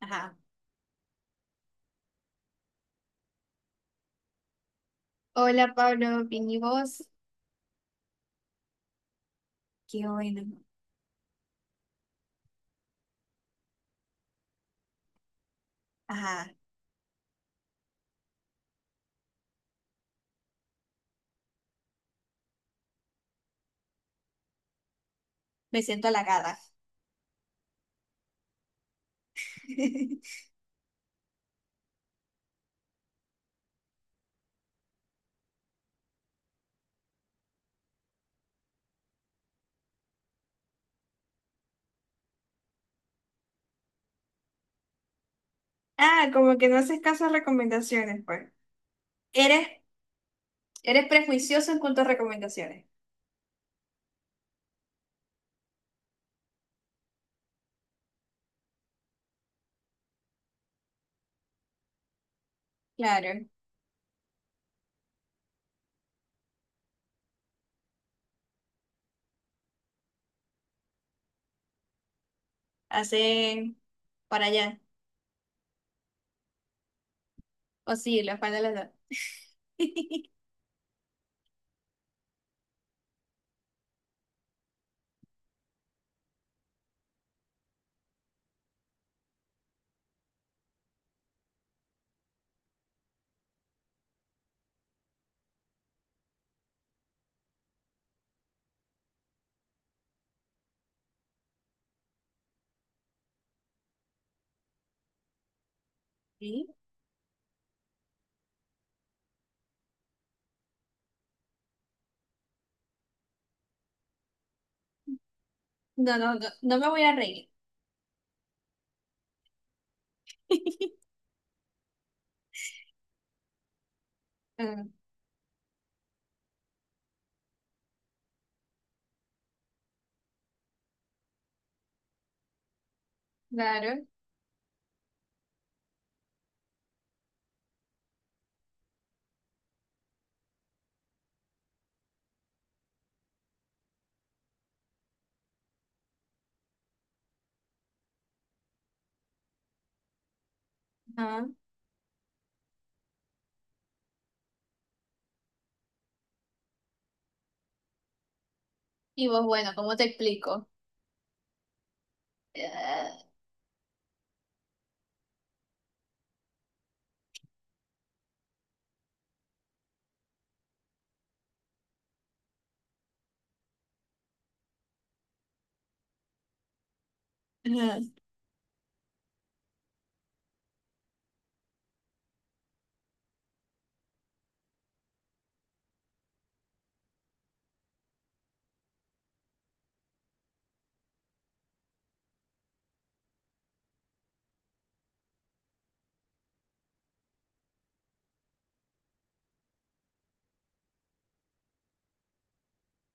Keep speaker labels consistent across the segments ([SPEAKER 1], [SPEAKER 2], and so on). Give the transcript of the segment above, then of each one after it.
[SPEAKER 1] Ajá. Hola Pablo, bien y vos. Qué bueno. Ajá. Me siento halagada. Ah, como que no haces caso a recomendaciones, pues. Eres, eres prejuicioso en cuanto a recomendaciones. Claro, hacen para allá. O sí, los para los dos. ¿Sí? No, no, no, no me voy a reír. Mm, claro. Ajá. Y vos, bueno, ¿cómo te explico? Ah, ajá.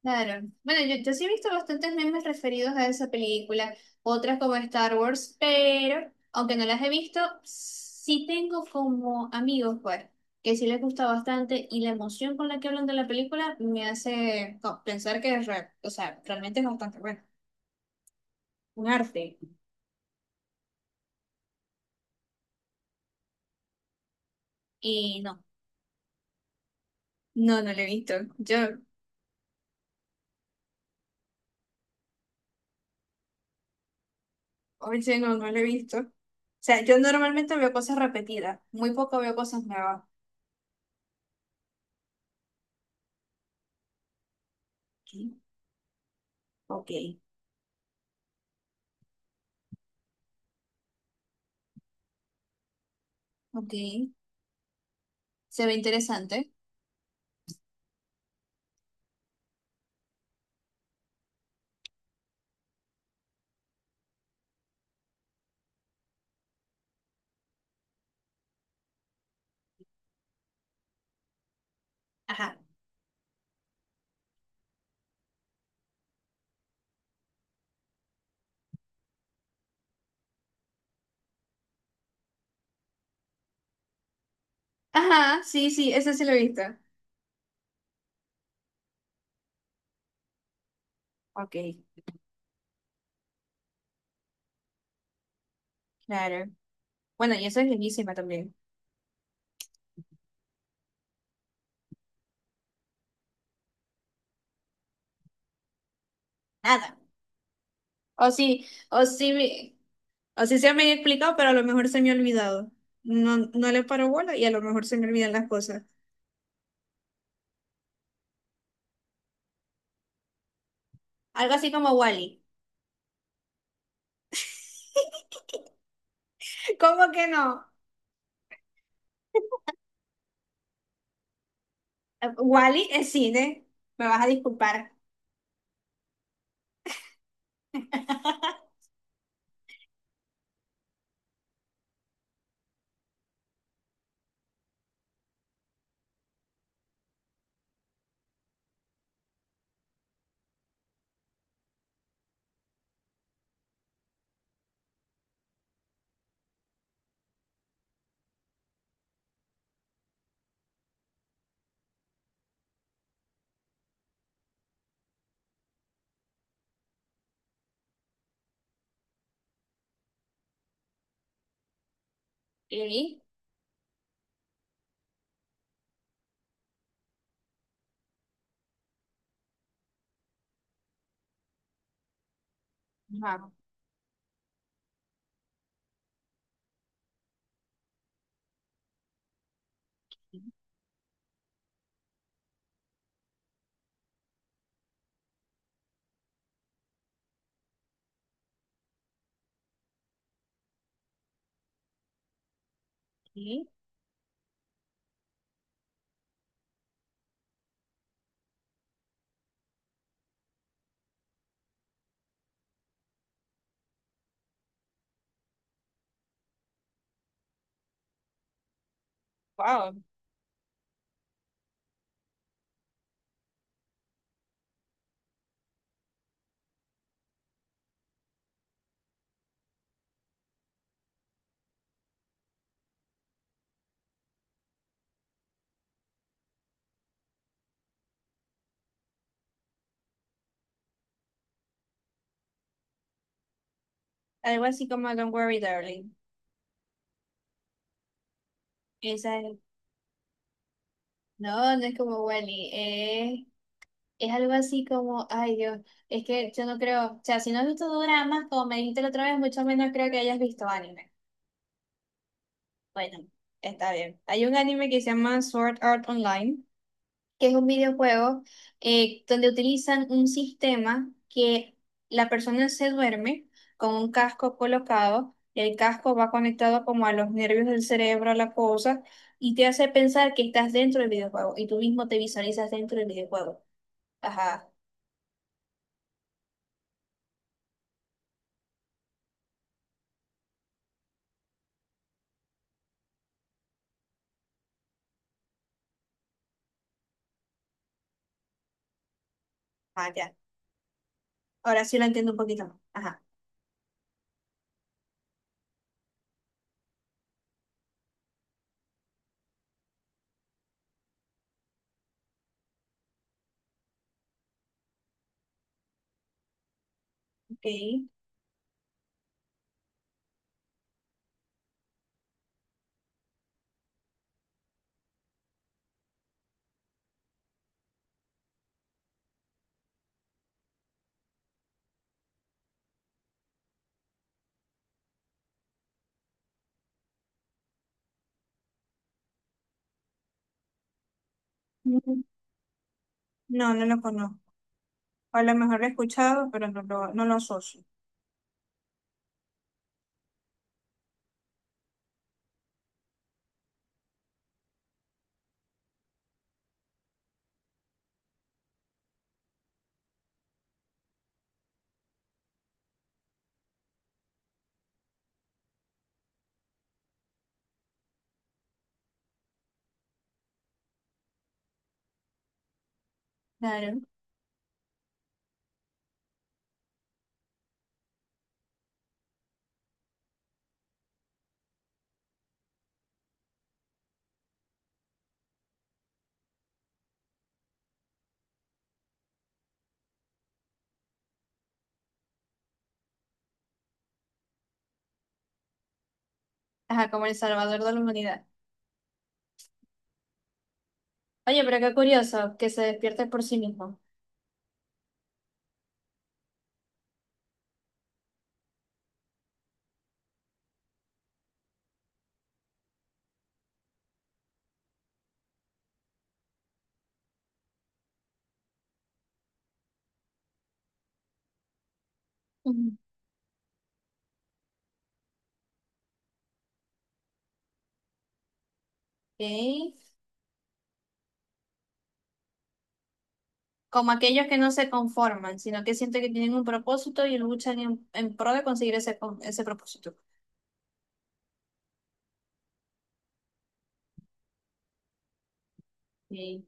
[SPEAKER 1] Claro. Bueno, yo sí he visto bastantes memes referidos a esa película, otras como Star Wars, pero aunque no las he visto, sí tengo como amigos, pues, que sí les gusta bastante y la emoción con la que hablan de la película me hace no, pensar que es real, o sea, realmente es bastante bueno, un arte. Y no, no, no lo he visto. Yo, hoy sí no, no lo he visto. O sea, yo normalmente veo cosas repetidas, muy poco veo cosas nuevas. Ok, ok, ok. Se ve interesante. Ajá, ajá, sí, sí, ese sí lo he visto. Ok, claro. Bueno, y eso es lindísima también. Nada. O sí, o sí, o sí se me ha explicado, pero a lo mejor se me ha olvidado. No, no le paro bola y a lo mejor se me olvidan las cosas. Algo así como Wally. ¿Cómo que no? Wally es cine. Me vas a disculpar. ¿Y? Ajá. ¿Y? Wow. Algo así como Don't Worry, Darling. Esa es- No, no es como Wally. Es algo así como, ay Dios, es que yo no creo, o sea, si no has visto doramas, como me dijiste la otra vez, mucho menos creo que hayas visto anime. Bueno, está bien. Hay un anime que se llama Sword Art Online, que es un videojuego donde utilizan un sistema que la persona se duerme con un casco colocado, el casco va conectado como a los nervios del cerebro, a la cosa, y te hace pensar que estás dentro del videojuego y tú mismo te visualizas dentro del videojuego. Ajá, ajá, ya. Ahora sí lo entiendo un poquito más. Ajá, ok. Mm, no, no lo conozco. A lo mejor lo he escuchado, pero no lo, no lo asocio. Claro. Ajá, como el salvador de la humanidad. Oye, pero qué curioso que se despierte por sí mismo. Ujú. ¿Ok? Como aquellos que no se conforman, sino que sienten que tienen un propósito y luchan en pro de conseguir ese, ese propósito. Sí.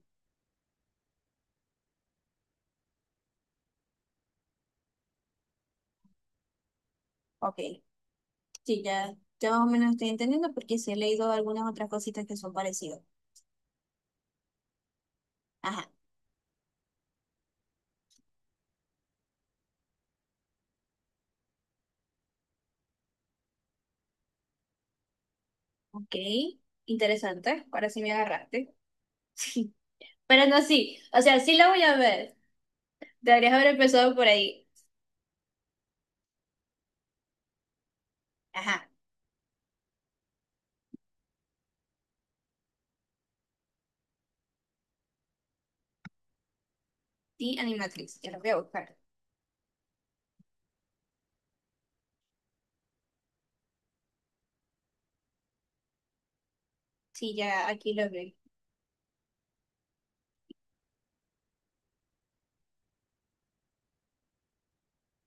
[SPEAKER 1] Ok, sí, ya, ya más o menos estoy entendiendo porque sí he leído algunas otras cositas que son parecidas. Ajá, ok. Interesante. Ahora sí me agarraste. Pero no, sí, o sea, sí la voy a ver. Deberías haber empezado por ahí. Ajá, sí, Animatrix, ya lo voy a buscar. Sí, ya aquí lo vi.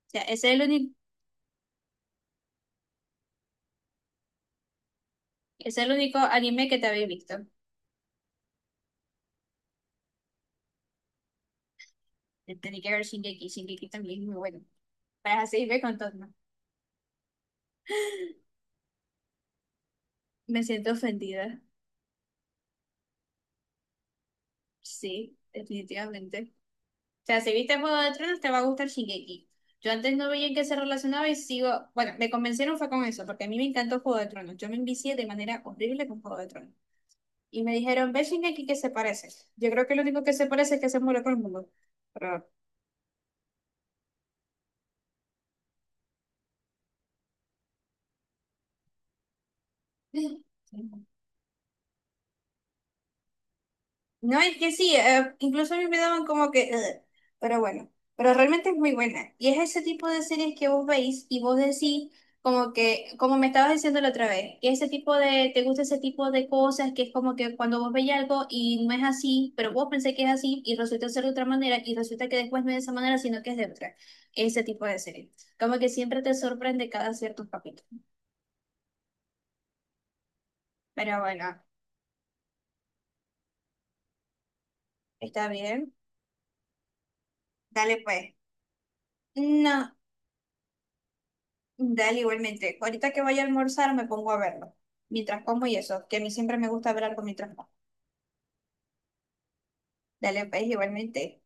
[SPEAKER 1] O sea, ese es el único anime que te había visto. Tenía que ver Shingeki, Shingeki también es muy bueno. Para seguirme con todo, ¿no? Me siento ofendida. Sí, definitivamente. O sea, si viste Juego de Tronos, te va a gustar Shingeki. Yo antes no veía en qué se relacionaba y sigo. Bueno, me convencieron fue con eso, porque a mí me encantó Juego de Tronos. Yo me envicié de manera horrible con Juego de Tronos. Y me dijeron, ve sin X que se parece. Yo creo que lo único que se parece es que se muere todo el mundo. Pero, no, es que sí, incluso a mí me daban como que, "Ugh", pero bueno, pero realmente es muy buena. Y es ese tipo de series que vos veis y vos decís, como que, como me estabas diciendo la otra vez, que ese tipo de, te gusta ese tipo de cosas, que es como que cuando vos veis algo y no es así, pero vos pensé que es así y resulta ser de otra manera y resulta que después no es de esa manera, sino que es de otra. Ese tipo de serie. Como que siempre te sorprende cada cierto capítulo. Pero bueno, está bien. Dale pues. No. Dale, igualmente. Ahorita que vaya a almorzar me pongo a verlo. Mientras como y eso, que a mí siempre me gusta ver algo mientras como. Dale, pues, igualmente.